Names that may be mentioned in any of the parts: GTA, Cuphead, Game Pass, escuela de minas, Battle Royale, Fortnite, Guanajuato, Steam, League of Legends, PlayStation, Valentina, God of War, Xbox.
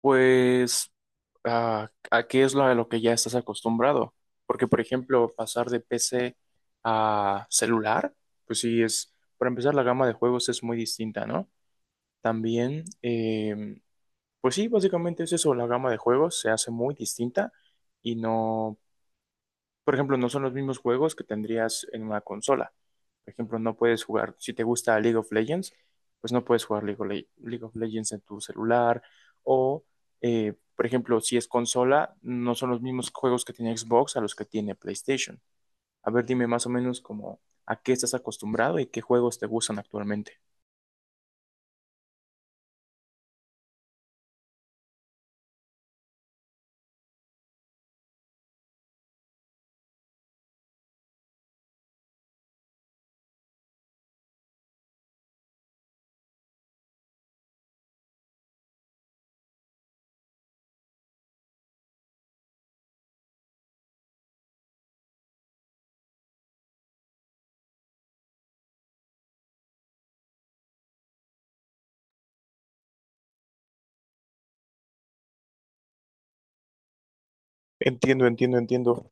Pues, ¿a qué a lo que ya estás acostumbrado? Porque, por ejemplo, pasar de PC a celular, pues sí es, para empezar, la gama de juegos es muy distinta, ¿no? También, pues sí, básicamente es eso, la gama de juegos se hace muy distinta y por ejemplo, no son los mismos juegos que tendrías en una consola. Por ejemplo, no puedes jugar, si te gusta League of Legends, pues no puedes jugar League of Legends en tu celular. O, por ejemplo, si es consola, no son los mismos juegos que tiene Xbox a los que tiene PlayStation. A ver, dime más o menos como a qué estás acostumbrado y qué juegos te gustan actualmente. Entiendo, entiendo, entiendo.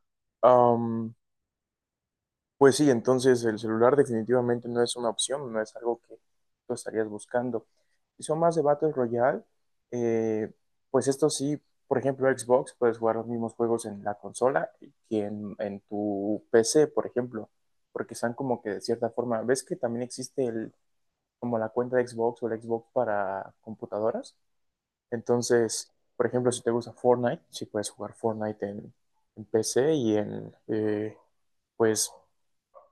Pues sí, entonces el celular definitivamente no es una opción, no es algo que tú estarías buscando. Si son más de Battle Royale, eh, pues esto sí, por ejemplo, Xbox, puedes jugar los mismos juegos en la consola que en tu PC, por ejemplo, porque están como que de cierta forma. ¿Ves que también existe como la cuenta de Xbox o el Xbox para computadoras? Entonces, por ejemplo, si te gusta Fortnite, sí puedes jugar Fortnite en PC y pues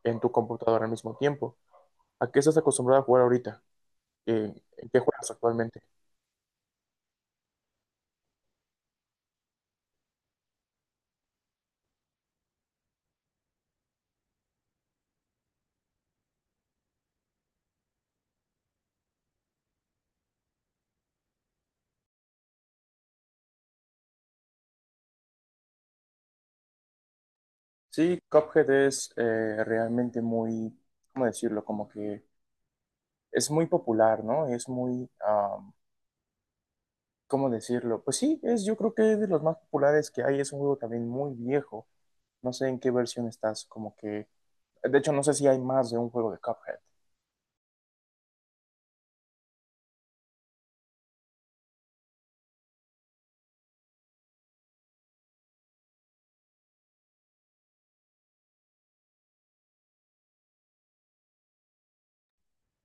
en tu computadora al mismo tiempo. ¿A qué estás acostumbrado a jugar ahorita? ¿En qué juegas actualmente? Sí, Cuphead es realmente muy, ¿cómo decirlo? Como que es muy popular, ¿no? Es muy, ¿cómo decirlo? Pues sí, es, yo creo que es de los más populares que hay. Es un juego también muy viejo. No sé en qué versión estás, como que... De hecho, no sé si hay más de un juego de Cuphead.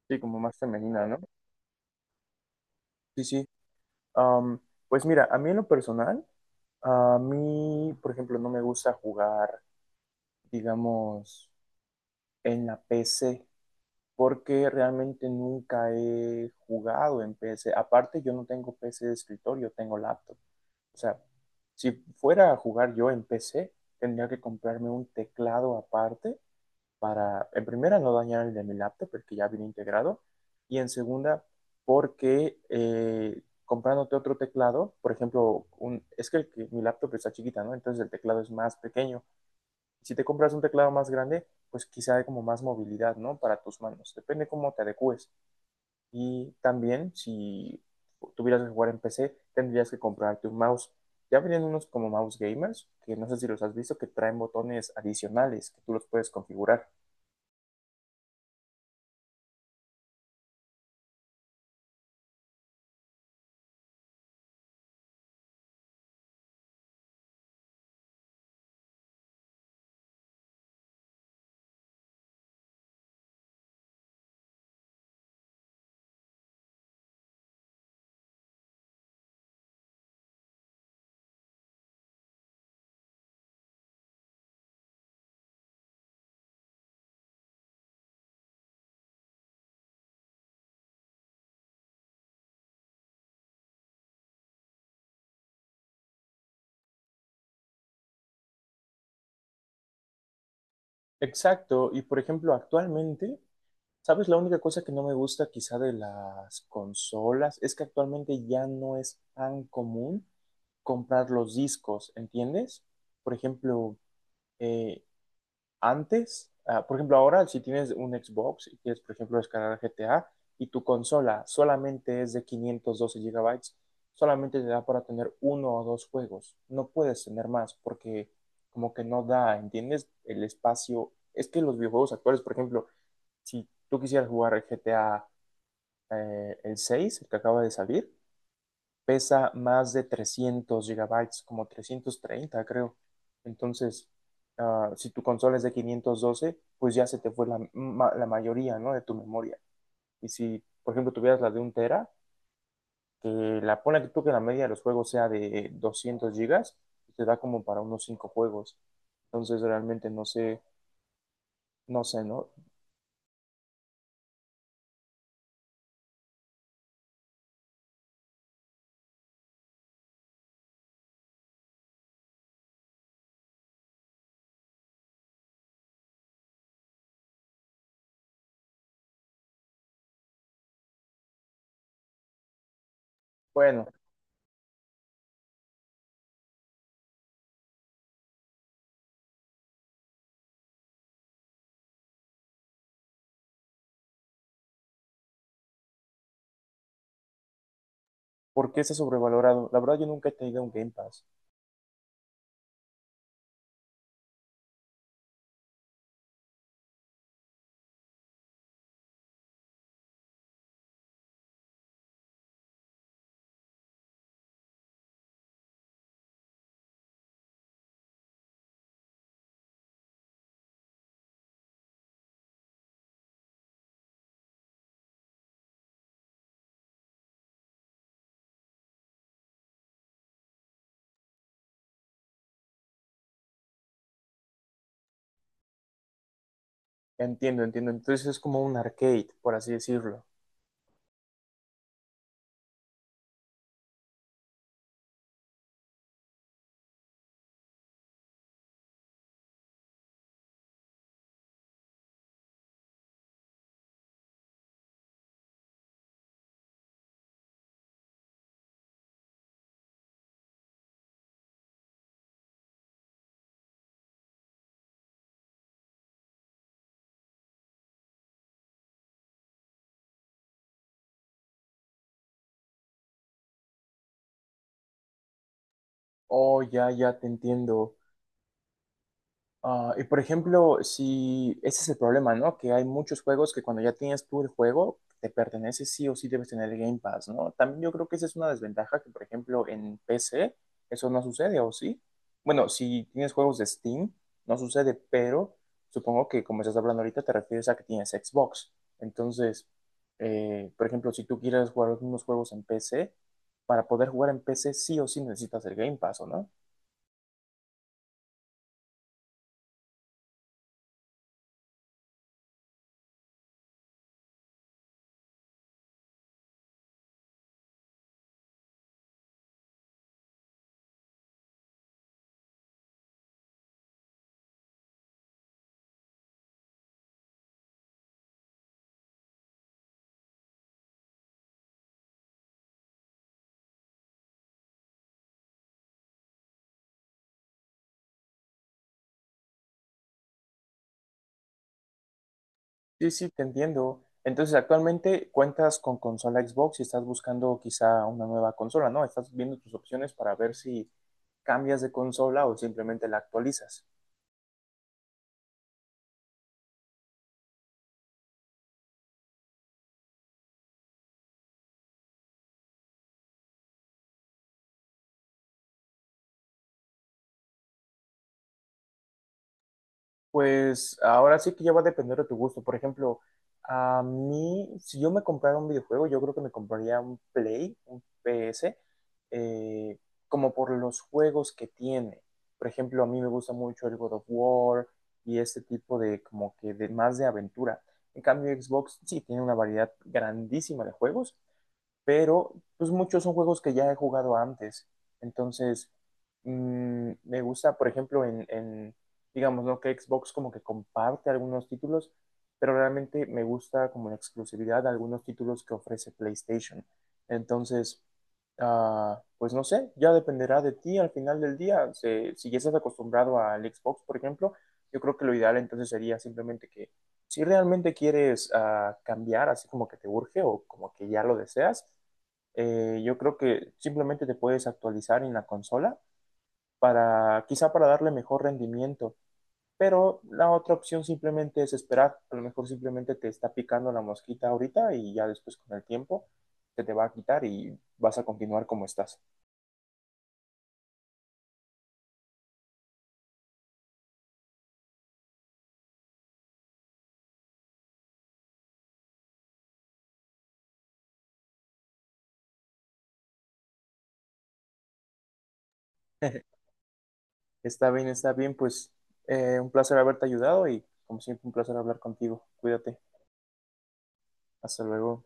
Sí, como más femenina, ¿no? Sí, sí. Am, pues mira, a mí en lo personal, a mí, por ejemplo, no me gusta jugar, digamos, en la PC, porque realmente nunca he jugado en PC. Aparte, yo no tengo PC de escritorio, tengo laptop. O sea, si fuera a jugar yo en PC, tendría que comprarme un teclado aparte para, en primera, no dañar el de mi laptop, porque ya viene integrado, y en segunda, porque comprándote otro teclado, por ejemplo, es que, el que mi laptop está chiquita, ¿no? Entonces el teclado es más pequeño. Si te compras un teclado más grande, pues quizá hay como más movilidad, ¿no? Para tus manos. Depende cómo te adecues. Y también, si tuvieras que jugar en PC, tendrías que comprarte un mouse. Ya vienen unos como mouse gamers, que no sé si los has visto, que traen botones adicionales que tú los puedes configurar. Exacto, y por ejemplo, actualmente, ¿sabes? La única cosa que no me gusta quizá de las consolas es que actualmente ya no es tan común comprar los discos, ¿entiendes? Por ejemplo, eh, antes, por ejemplo, ahora si tienes un Xbox y quieres, por ejemplo, descargar GTA y tu consola solamente es de 512 gigabytes, solamente te da para tener uno o dos juegos. No puedes tener más porque como que no da, ¿entiendes? El espacio. Es que los videojuegos actuales, por ejemplo, si tú quisieras jugar GTA, el 6, el que acaba de salir, pesa más de 300 gigabytes, como 330 creo. Entonces, si tu consola es de 512, pues ya se te fue la mayoría, ¿no? De tu memoria. Y si, por ejemplo, tuvieras la de un tera, que la pone que tú que la media de los juegos sea de 200 gigas, pues te da como para unos 5 juegos. Entonces, realmente no sé, no sé, ¿no? Bueno, ¿por qué está sobrevalorado? La verdad, yo nunca he tenido un Game Pass. Entiendo, entiendo. Entonces es como un arcade, por así decirlo. Oh, ya, ya te entiendo. Ah, y por ejemplo, si ese es el problema, ¿no? Que hay muchos juegos que cuando ya tienes tú el juego, te pertenece, sí o sí debes tener el Game Pass, ¿no? También yo creo que esa es una desventaja que, por ejemplo, en PC eso no sucede, ¿o sí? Bueno, si tienes juegos de Steam, no sucede, pero supongo que como estás hablando ahorita te refieres a que tienes Xbox. Entonces, por ejemplo, si tú quieres jugar unos juegos en PC, para poder jugar en PC sí o sí necesitas el Game Pass, ¿o no? Sí, sí, te entiendo. Entonces, actualmente cuentas con consola Xbox y estás buscando quizá una nueva consola, ¿no? Estás viendo tus opciones para ver si cambias de consola o simplemente la actualizas. Pues ahora sí que ya va a depender de tu gusto. Por ejemplo, a mí, si yo me comprara un videojuego, yo creo que me compraría un Play, un PS, eh, como por los juegos que tiene. Por ejemplo, a mí me gusta mucho el God of War y este tipo de como que de más de aventura. En cambio, Xbox sí tiene una variedad grandísima de juegos, pero pues muchos son juegos que ya he jugado antes. Entonces, me gusta, por ejemplo, digamos, ¿no? Que Xbox como que comparte algunos títulos, pero realmente me gusta como en exclusividad algunos títulos que ofrece PlayStation. Entonces, pues no sé, ya dependerá de ti al final del día. Si ya estás acostumbrado al Xbox, por ejemplo, yo creo que lo ideal entonces sería simplemente que si realmente quieres, cambiar, así como que te urge o como que ya lo deseas, yo creo que simplemente te puedes actualizar en la consola para quizá para darle mejor rendimiento, pero la otra opción simplemente es esperar, a lo mejor simplemente te está picando la mosquita ahorita y ya después con el tiempo se te va a quitar y vas a continuar como estás. Está bien, pues un placer haberte ayudado y como siempre un placer hablar contigo. Cuídate, hasta luego.